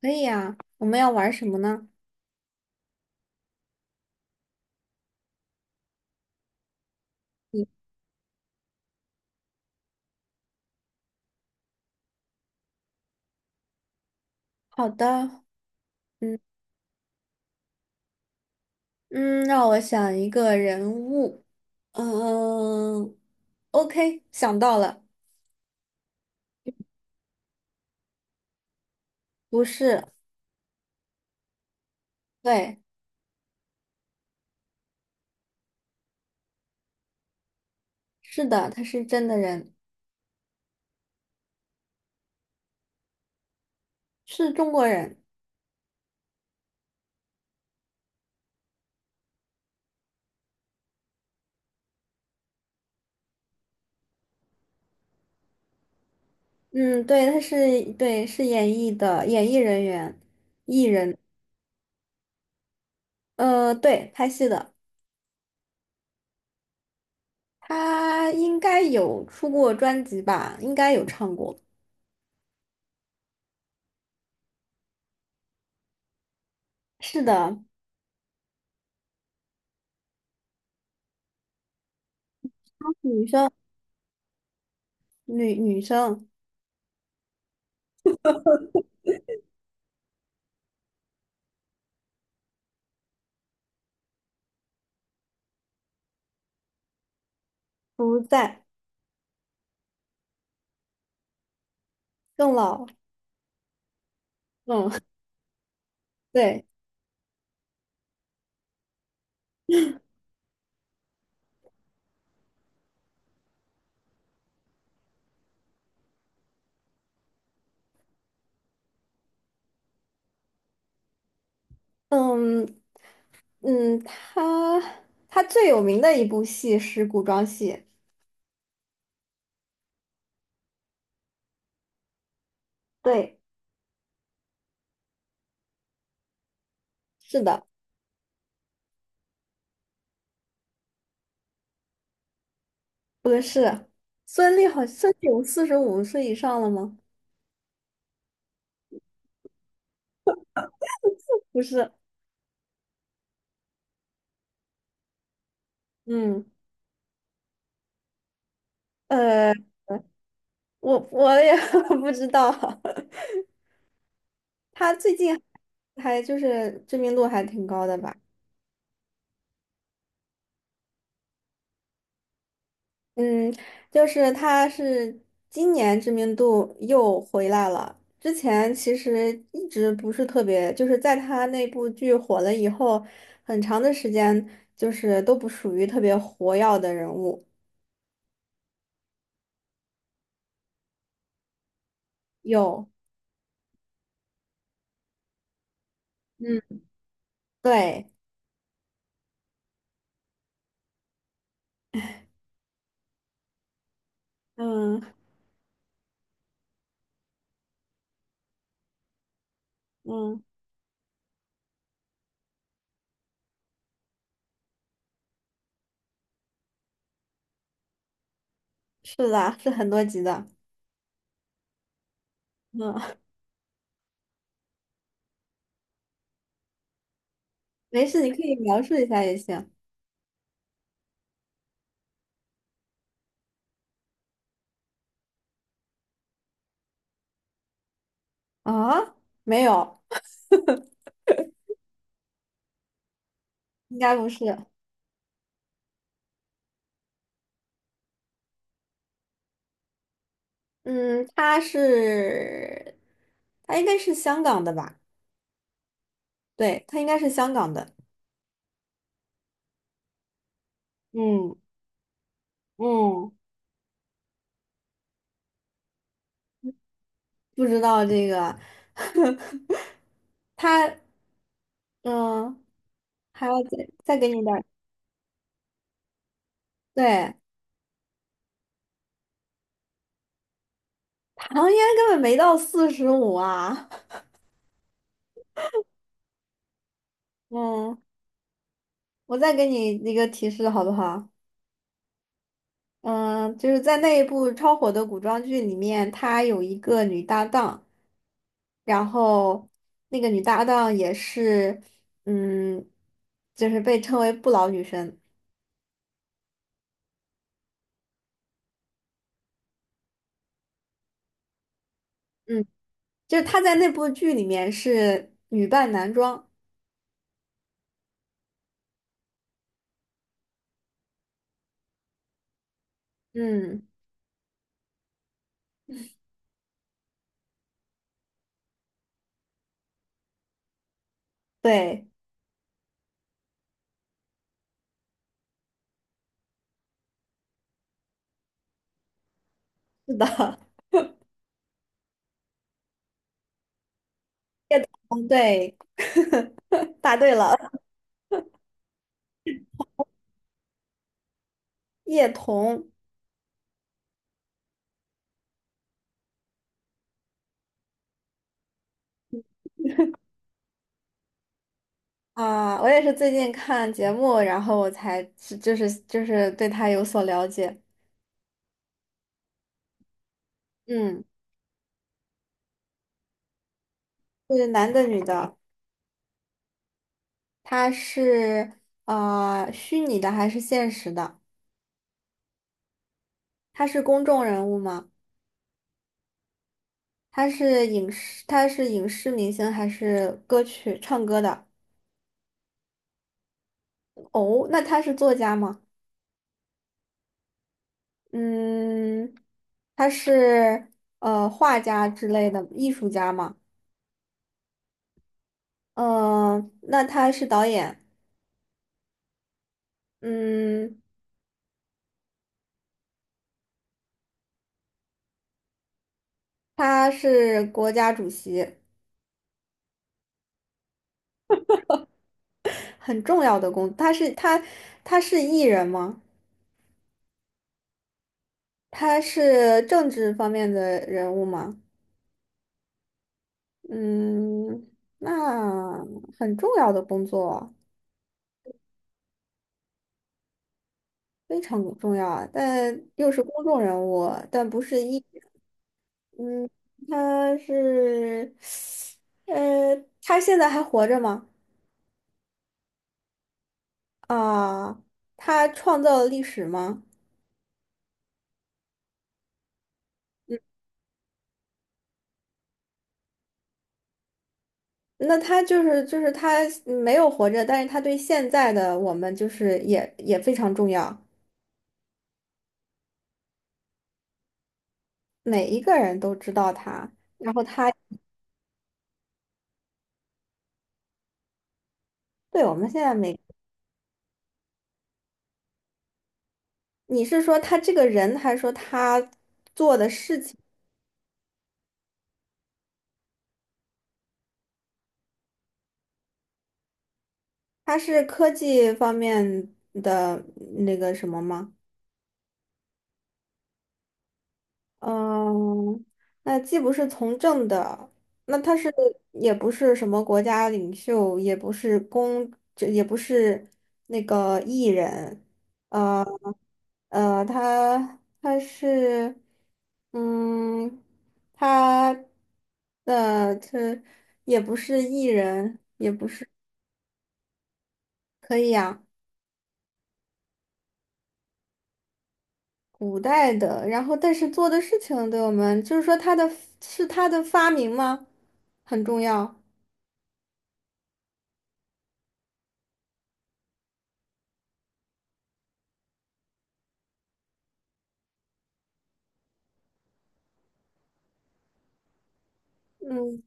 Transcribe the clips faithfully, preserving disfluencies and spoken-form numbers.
可以呀，我们要玩什么呢？嗯，好的，嗯嗯，让我想一个人物。嗯，OK，想到了。不是。对，是的，他是真的人，是中国人。嗯，对，他是对，是演艺的演艺人员，艺人。呃，对，拍戏的。他应该有出过专辑吧？应该有唱过。是的。女生，女女生。不在。更老。嗯。对，嗯嗯，他他最有名的一部戏是古装戏。对，是的。不是孙俪好，孙俪有四十五岁以上了吗？不是。嗯，呃，我我也 不知道。他最近还就是知名度还挺高的吧？嗯，就是他是今年知名度又回来了。之前其实一直不是特别，就是在他那部剧火了以后，很长的时间就是都不属于特别活跃的人物。有。嗯，对，嗯嗯。是的，是很多集的。嗯，没事，你可以描述一下也行。啊，没有，应该不是。嗯，他是，他应该是香港的吧？对，他应该是香港的。嗯嗯，不知道这个。他嗯，还要再再给你点儿对。唐嫣根本没到四十五啊。嗯，我再给你一个提示好不好？嗯，就是在那一部超火的古装剧里面，她有一个女搭档，然后那个女搭档也是，嗯，就是被称为不老女神。嗯。就是他在那部剧里面是女扮男装。嗯，对，是的。嗯，对，答对了。叶童。啊，我也是最近看节目，然后我才是就是就是对他有所了解。嗯，是男的女的？他是呃虚拟的还是现实的？他是公众人物吗？他是影视，他是影视明星还是歌曲唱歌的？哦，那他是作家吗？嗯，他是呃画家之类的艺术家嘛？嗯、那他是导演？嗯，他是国家主席？很重要的工他是他他是艺人吗？他是政治方面的人物吗？嗯，那很重要的工作，非常重要啊，但又是公众人物，但不是艺。他是，呃，他现在还活着吗？啊，他创造了历史吗？嗯，那他就是就是他没有活着，但是他对现在的我们就是也也非常重要。每一个人都知道他。然后他对我们现在每，你是说他这个人，还是说他做的事情？他是科技方面的那个什么吗？嗯，那既不是从政的。那他是也不是什么国家领袖，也不是公，这也不是那个艺人。呃呃，他他是，嗯，他呃这也不是艺人。可以呀。古代的，然后但是做的事情对我们，就是说他的是他的发明吗？很重要。嗯，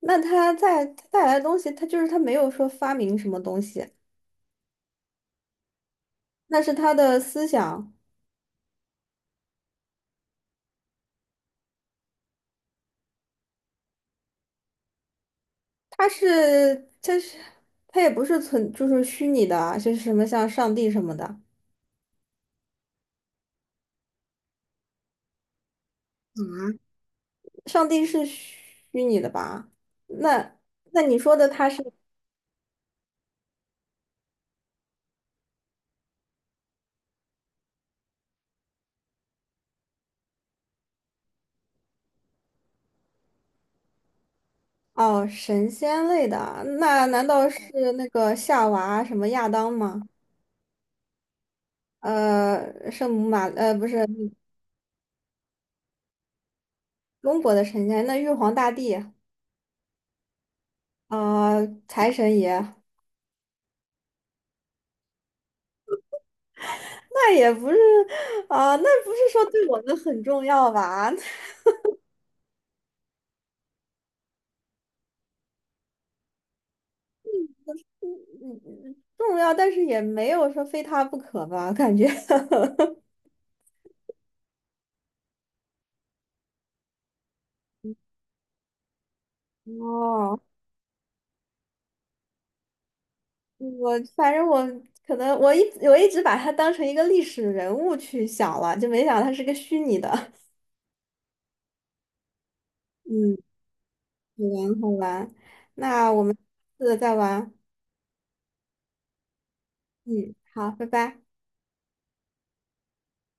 那他在带来的东西，他就是他没有说发明什么东西。那是他的思想？他是他是他也不是存就是虚拟的啊就是什么像上帝什么的。上帝是虚拟的吧？那那你说的他是？哦，神仙类的啊，那难道是那个夏娃什么亚当吗？呃，圣母玛呃不是中国的神仙。那玉皇大帝？啊，财神爷。那也不是啊。那不是说对我们很重要吧？嗯嗯重要，但是也没有说非他不可吧，感觉。哦，我反正我可能我一我一直把他当成一个历史人物去想了，就没想到它是个虚拟的。嗯，好玩好玩，那我们下个再玩。嗯，好，拜拜。